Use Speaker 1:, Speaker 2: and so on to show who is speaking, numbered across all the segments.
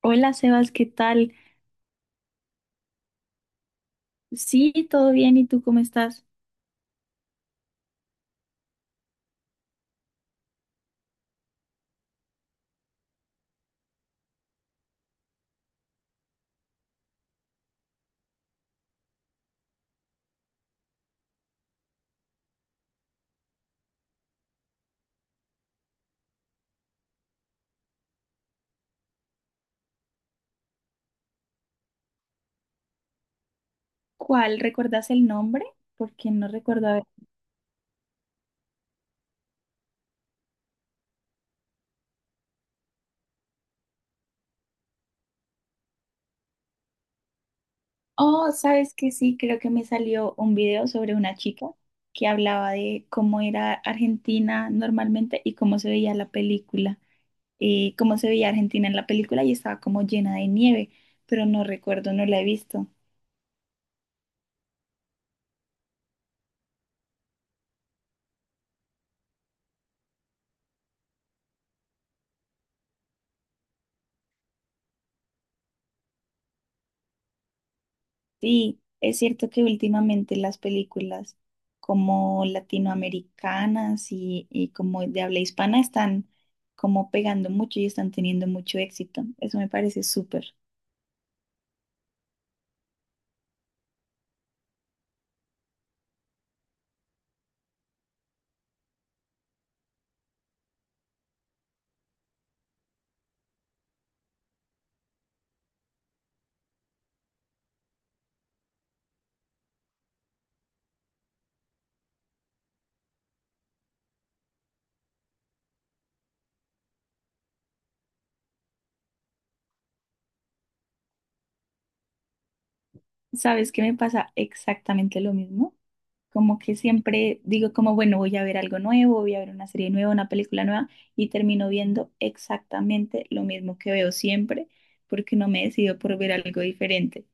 Speaker 1: Hola Sebas, ¿qué tal? Sí, todo bien, ¿y tú cómo estás? ¿Cuál? ¿Recuerdas el nombre? Porque no recuerdo oh, sabes que sí, creo que me salió un video sobre una chica que hablaba de cómo era Argentina normalmente y cómo se veía la película, cómo se veía Argentina en la película y estaba como llena de nieve, pero no recuerdo, no la he visto. Sí, es cierto que últimamente las películas como latinoamericanas y como de habla hispana están como pegando mucho y están teniendo mucho éxito. Eso me parece súper. ¿Sabes qué? Me pasa exactamente lo mismo. Como que siempre digo como, bueno, voy a ver algo nuevo, voy a ver una serie nueva, una película nueva y termino viendo exactamente lo mismo que veo siempre porque no me decido por ver algo diferente.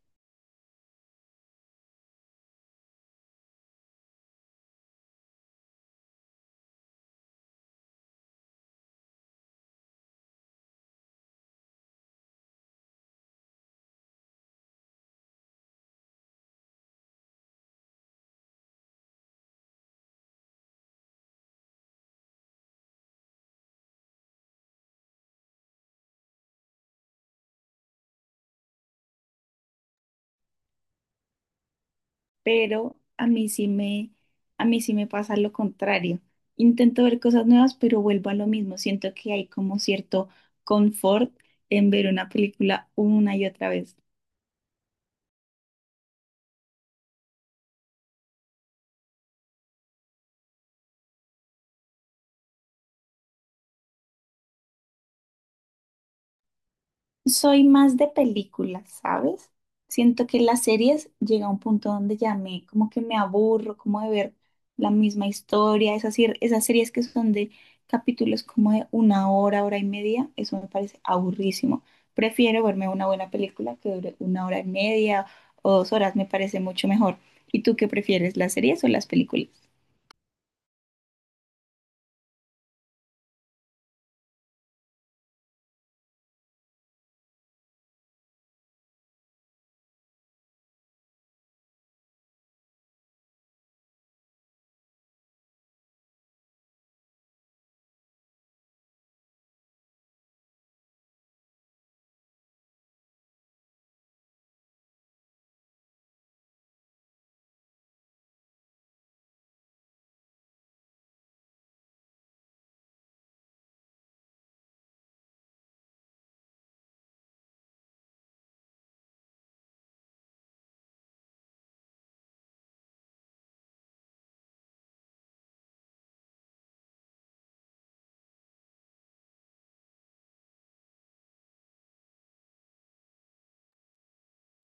Speaker 1: Pero a mí sí me, a mí sí me pasa lo contrario. Intento ver cosas nuevas, pero vuelvo a lo mismo. Siento que hay como cierto confort en ver una película una y otra vez. Soy más de películas, ¿sabes? Siento que las series llega a un punto donde ya me, como que me aburro, como de ver la misma historia, esas, sir- esas series que son de capítulos como de una hora, hora y media, eso me parece aburrísimo. Prefiero verme una buena película que dure una hora y media o dos horas, me parece mucho mejor. ¿Y tú qué prefieres, las series o las películas?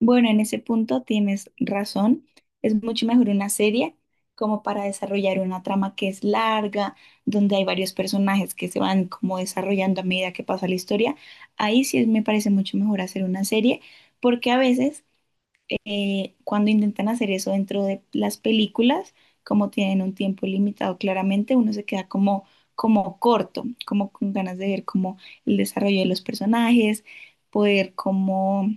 Speaker 1: Bueno, en ese punto tienes razón. Es mucho mejor una serie como para desarrollar una trama que es larga, donde hay varios personajes que se van como desarrollando a medida que pasa la historia. Ahí sí me parece mucho mejor hacer una serie, porque a veces cuando intentan hacer eso dentro de las películas, como tienen un tiempo limitado claramente, uno se queda como, como corto, como con ganas de ver como el desarrollo de los personajes, poder como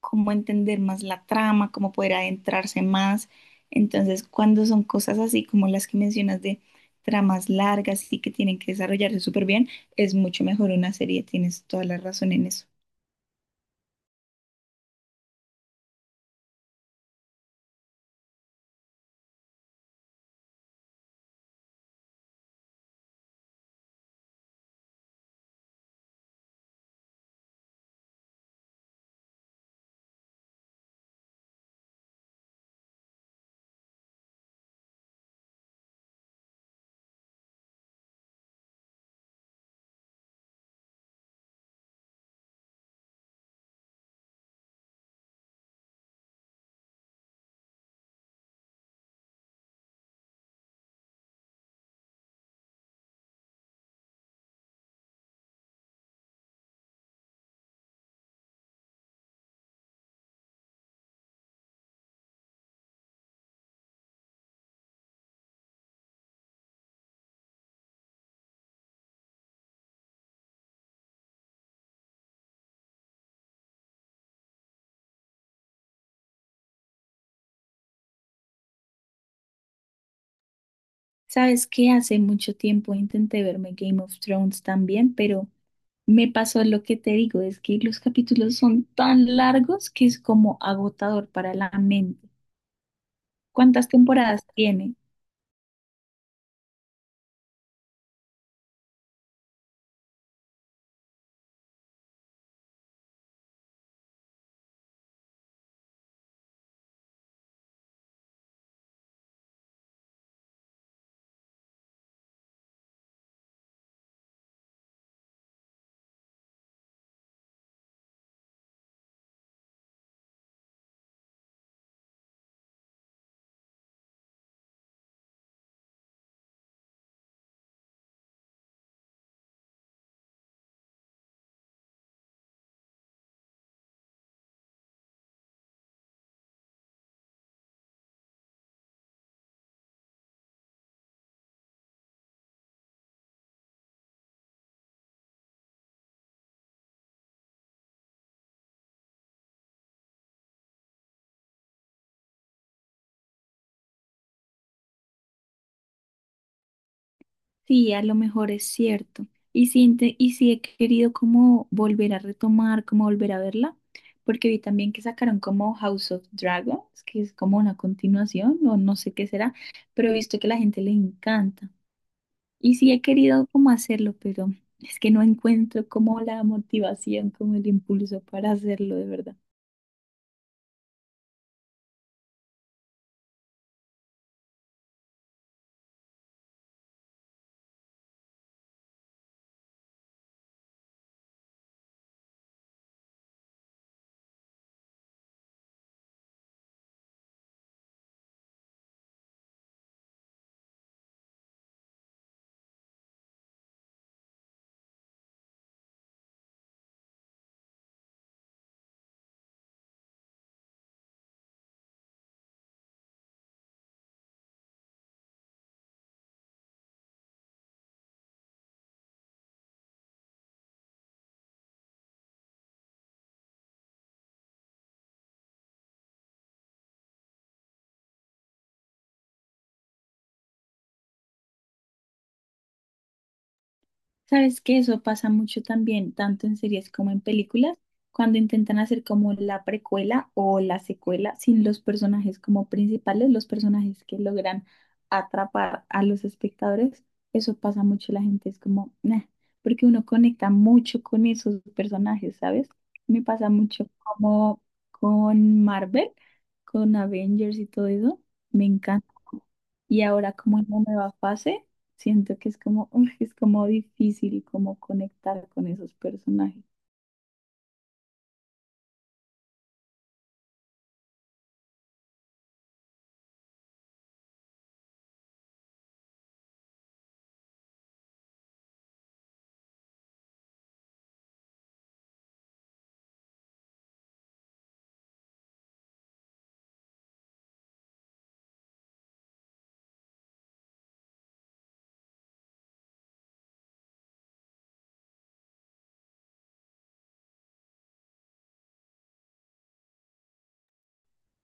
Speaker 1: cómo entender más la trama, cómo poder adentrarse más. Entonces, cuando son cosas así como las que mencionas de tramas largas y que tienen que desarrollarse súper bien, es mucho mejor una serie, tienes toda la razón en eso. Sabes que hace mucho tiempo intenté verme Game of Thrones también, pero me pasó lo que te digo, es que los capítulos son tan largos que es como agotador para la mente. ¿Cuántas temporadas tiene? Sí, a lo mejor es cierto. Y sí, y sí he querido como volver a retomar, como volver a verla, porque vi también que sacaron como House of Dragons, que es como una continuación, o no sé qué será, pero he visto que a la gente le encanta. Y sí he querido como hacerlo, pero es que no encuentro como la motivación, como el impulso para hacerlo de verdad. Sabes que eso pasa mucho también, tanto en series como en películas, cuando intentan hacer como la precuela o la secuela sin los personajes como principales, los personajes que logran atrapar a los espectadores, eso pasa mucho, la gente es como "Nah", porque uno conecta mucho con esos personajes, ¿sabes? Me pasa mucho como con Marvel, con Avengers y todo eso, me encanta. Y ahora como en la nueva fase. Siento que es como, uf, es como difícil como conectar con esos personajes.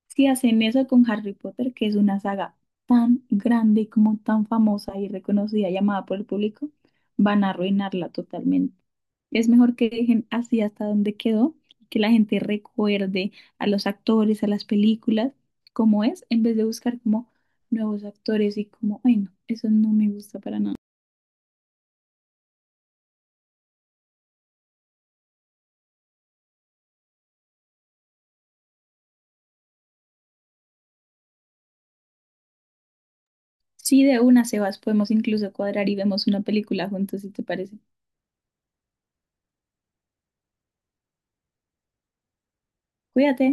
Speaker 1: Si hacen eso con Harry Potter, que es una saga tan grande y como tan famosa y reconocida, llamada por el público, van a arruinarla totalmente. Es mejor que dejen así hasta donde quedó, que la gente recuerde a los actores, a las películas, como es, en vez de buscar como nuevos actores y como, ay no, eso no me gusta para nada. Sí, de una, Sebas, podemos incluso cuadrar y vemos una película juntos, si te parece. Cuídate.